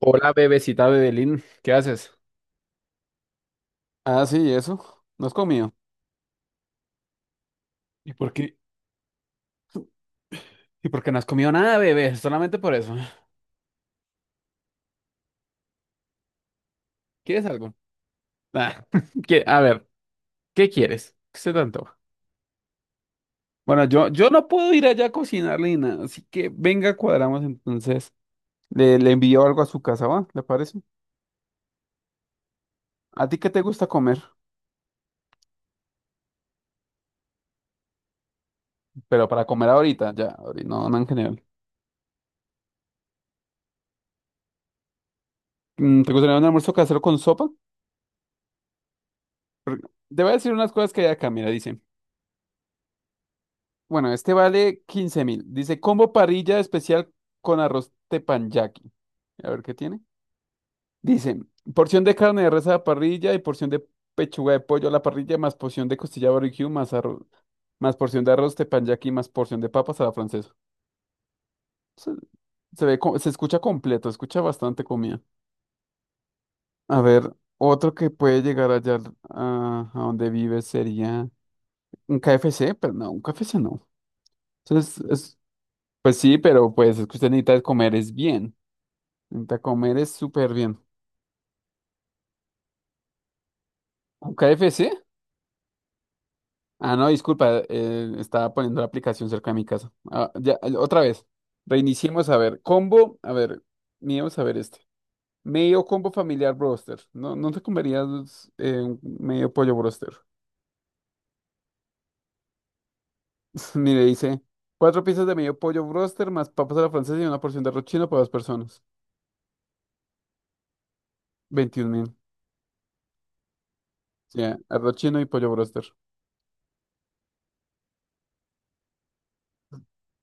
Hola, bebecita Bebelín, ¿qué haces? Ah, sí, eso. No has comido. ¿Y por qué? ¿Y por qué no has comido nada, bebé? Solamente por eso. ¿Quieres algo? Ah, a ver, ¿qué quieres? ¿Qué se te antoja? Bueno, yo no puedo ir allá a cocinarle ni nada, así que venga, cuadramos entonces. Le envío algo a su casa, ¿va? ¿Le parece? ¿A ti qué te gusta comer? Pero para comer ahorita, ya, ahorita, no en general. ¿Te gustaría un almuerzo casero con sopa? Te voy a decir unas cosas que hay acá, mira, dice. Bueno, este vale 15.000. Dice combo parrilla especial con arroz teppanyaki. A ver qué tiene. Dice porción de carne de res a la parrilla y porción de pechuga de pollo a la parrilla, más porción de costilla barbecue, más arroz, más porción de arroz teppanyaki, más porción de papas a la francesa. Se, se ve, se escucha completo, escucha bastante comida. A ver, otro que puede llegar allá a donde vive sería un KFC, pero no, un KFC no. Entonces, pues sí, pero pues es que usted necesita comer es bien. Intenta comer es súper bien. ¿Un KFC? Ah, no, disculpa, estaba poniendo la aplicación cerca de mi casa. Ah, ya, otra vez. Reiniciemos a ver. Combo, a ver, miremos a ver este. Medio combo familiar broster. No, no te comerías un medio pollo broster. Mire, dice, cuatro piezas de medio pollo broster más papas a la francesa y una porción de arroz chino para dos personas. 21.000. O arroz chino y pollo broster.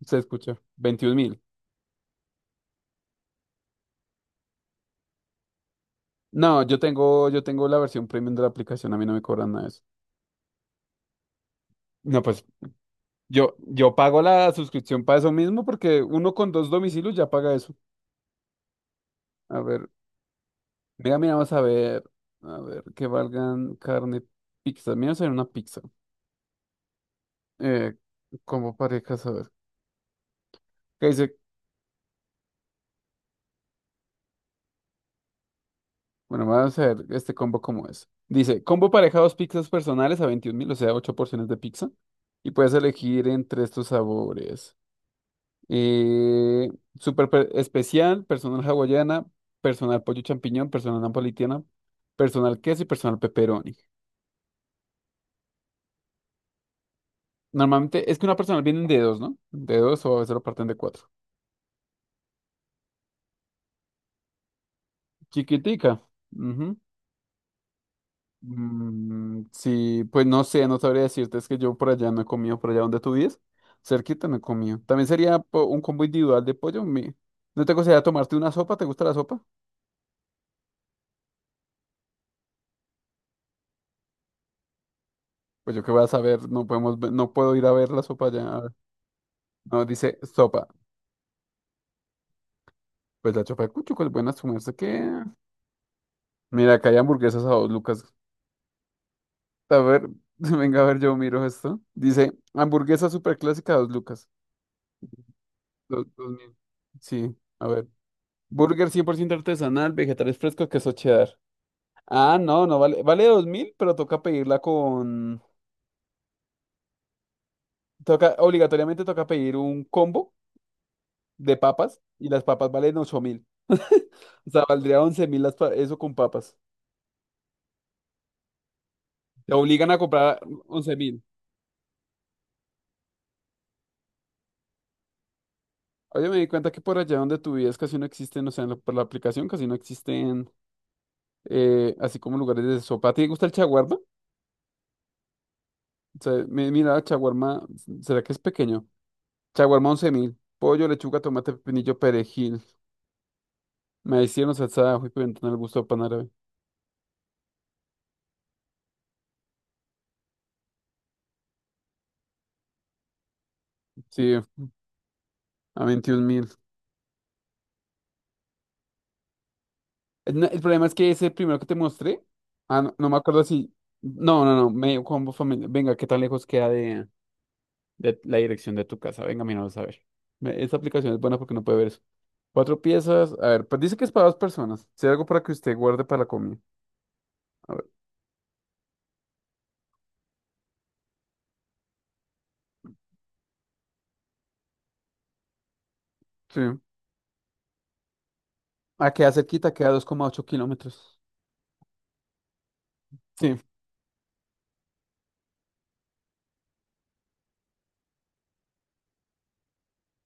Se escucha. 21.000. No, yo tengo la versión premium de la aplicación, a mí no me cobran nada. No, pues yo pago la suscripción para eso mismo porque uno con dos domicilios ya paga eso. A ver, mira, vamos a ver. A ver, que valgan carne, pizza. Mira, vamos a ver una pizza. Eh, combo parejas, a ver. ¿Qué dice? Bueno, vamos a ver este combo cómo es. Dice, combo pareja, dos pizzas personales a 21.000, o sea, ocho porciones de pizza. Y puedes elegir entre estos sabores. Eh, especial, personal hawaiana, personal pollo champiñón, personal napolitana, personal queso y personal pepperoni. Normalmente es que una personal vienen de dos, ¿no? De dos o a veces lo parten de cuatro. Chiquitica. Ujú. Mm, sí, pues no sé, no sabría decirte, es que yo por allá no he comido, por allá donde tú vives, cerquita no he comido. También sería un combo individual de pollo. ¿No te gustaría tomarte una sopa? ¿Te gusta la sopa? Pues yo qué voy a saber, no podemos, no puedo ir a ver la sopa allá. No, dice sopa. Pues la chapa de Cuchuco es buena, su merced que... Mira, acá hay hamburguesas a dos lucas. A ver, venga a ver, yo miro esto. Dice, hamburguesa super clásica a dos lucas. Dos mil. Sí, a ver. Burger 100% artesanal, vegetales frescos, queso cheddar. Ah, no, no vale. Vale 2.000, pero toca pedirla con... Toca, obligatoriamente toca pedir un combo de papas y las papas valen 8.000. O sea, valdría 11.000 las eso con papas. Te obligan a comprar 11.000. Oye, me di cuenta que por allá donde tú vives casi no existen, o sea, por la aplicación casi no existen, así como lugares de sopa. ¿A ti te gusta el chaguarma? O sea, mira, chaguarma, ¿será que es pequeño? Chaguarma 11.000 pollo, lechuga, tomate, pepinillo, perejil. Me hicieron salsa de ajo y pimentón al gusto pan árabe. Sí, a 21.000. El, no- el problema es que ese primero que te mostré, ah, no, no me acuerdo si... No, no, no, medio combo familiar. Venga, ¿qué tan lejos queda de la dirección de tu casa? Venga, mira, vamos a ver. Esa aplicación es buena porque no puede ver eso. Cuatro piezas. A ver, pues dice que es para dos personas. Si hay algo para que usted guarde para la comida. A ver, sí. Ah, queda cerquita, queda 2,8 kilómetros. Sí.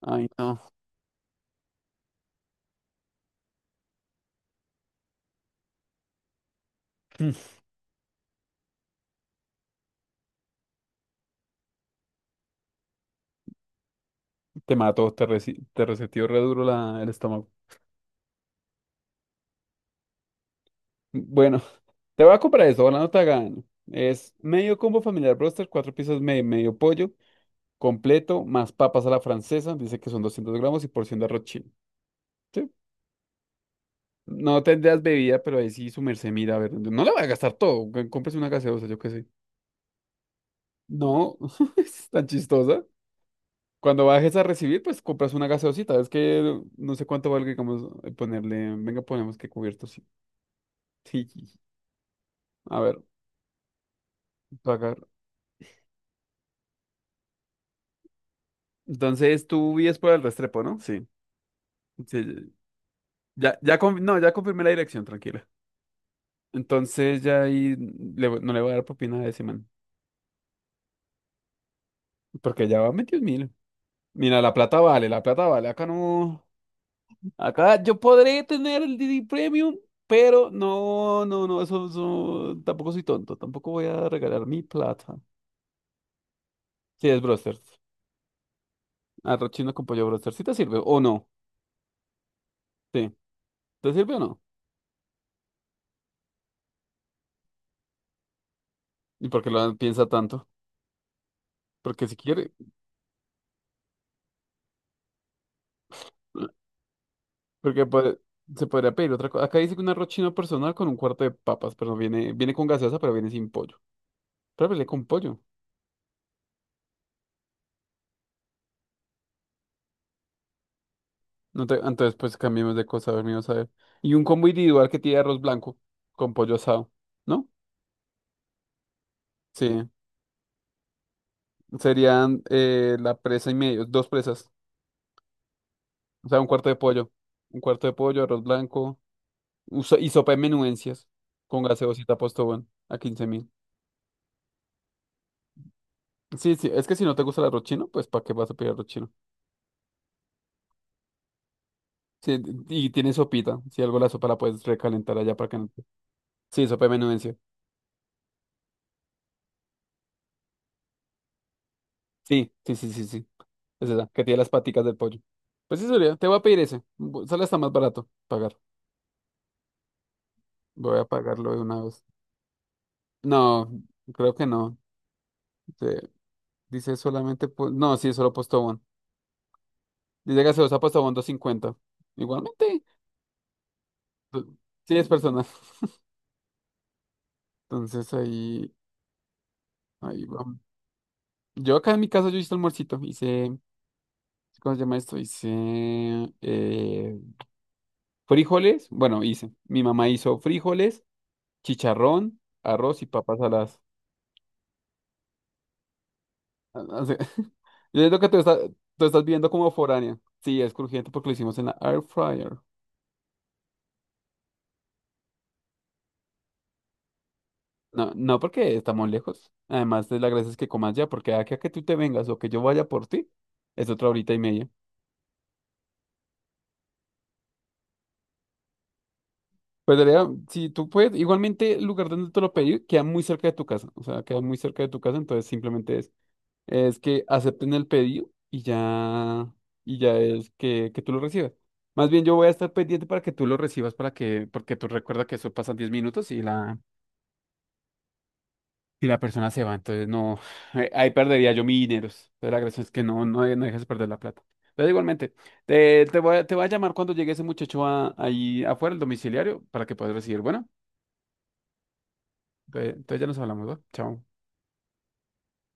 Ay, no. Te mató, te reseteó re duro el estómago. Bueno, te voy a comprar eso, ojalá no te haga daño. Es medio combo familiar broster, cuatro piezas medio, medio pollo, completo, más papas a la francesa, dice que son 200 gramos y porción de arroz chino. Sí. No tendrías bebida, pero ahí sí su merced mira, a ver, no la va a gastar todo, cómprese una gaseosa, yo qué sé. No, es tan chistosa. Cuando bajes a recibir, pues compras una gaseosita. Es que no sé cuánto valga, digamos, ponerle. Venga, ponemos que cubierto, sí. Sí. Sí, sí. A ver, pagar. Entonces tú vives por el Restrepo, ¿no? Sí. Sí. Sí. Ya, ya, no, ya confirmé la dirección, tranquila. Entonces ya ahí no le voy a dar propina a ese man. Porque ya va metido mil. Mira, la plata vale, la plata vale. Acá no. Acá yo podré tener el DD Premium, pero no, no, no, eso, tampoco soy tonto, tampoco voy a regalar mi plata. Sí, es Brosters. Arroz chino con pollo broster. ¿Sí te sirve o no? Sí. ¿Te sirve o no? ¿Y por qué lo piensa tanto? Porque si quiere, porque puede- se podría pedir otra cosa. Acá dice que un arroz chino personal con un cuarto de papas, pero no viene, viene con gaseosa, pero viene sin pollo. Pero viene con pollo. No te- entonces, pues cambiemos de cosa, a ver, mío, a ver. Y un combo individual que tiene arroz blanco con pollo asado, ¿no? Sí. Serían la presa y medio, dos presas. O sea, un cuarto de pollo. Un cuarto de pollo, arroz blanco y sopa de menudencias con gaseosita Postobón a 15.000. Sí, sí, es que si no te gusta el arroz chino, pues ¿para qué vas a pedir arroz chino? Sí, y tiene sopita. Si algo la sopa la puedes recalentar allá para que no te- Sí, sopa de menudencia. Sí, sí, sí, sí, sí. Es esa, que tiene las paticas del pollo. Pues sí, sería. Te voy a pedir ese. Sale hasta más barato pagar. Voy a pagarlo de una vez. No, creo que no. Sí. Dice solamente, no, sí, solo Postobón. Dice gaseosa Postobón 250. Igualmente, tú- sí es personal. Entonces ahí, ahí vamos. Yo acá en mi casa yo hice almuercito, hice, ¿cómo se llama esto? Hice eh, frijoles, bueno, hice. Mi mamá hizo frijoles, chicharrón, arroz y papas saladas. Ah, ah, sí. Yo siento que tú estás viendo como foránea. Sí, es crujiente porque lo hicimos en la air fryer. No, no porque estamos lejos. Además, de la gracia es que comas ya, porque aquí a que tú te vengas o que yo vaya por ti, es otra horita y media. Pues debería, si tú puedes, igualmente el lugar donde te lo pedí queda muy cerca de tu casa. O sea, queda muy cerca de tu casa, entonces simplemente es que acepten el pedido y ya es que tú lo recibas. Más bien yo voy a estar pendiente para que tú lo recibas para que, porque tú recuerda que eso pasa 10 minutos y si la persona se va, entonces no, ahí perdería yo mis dineros. Entonces la gracia es que no, no, no dejes perder la plata. Entonces igualmente, te voy a llamar cuando llegue ese muchacho ahí afuera, el domiciliario, para que puedas recibir. Bueno, entonces ya nos hablamos, ¿va? Chao.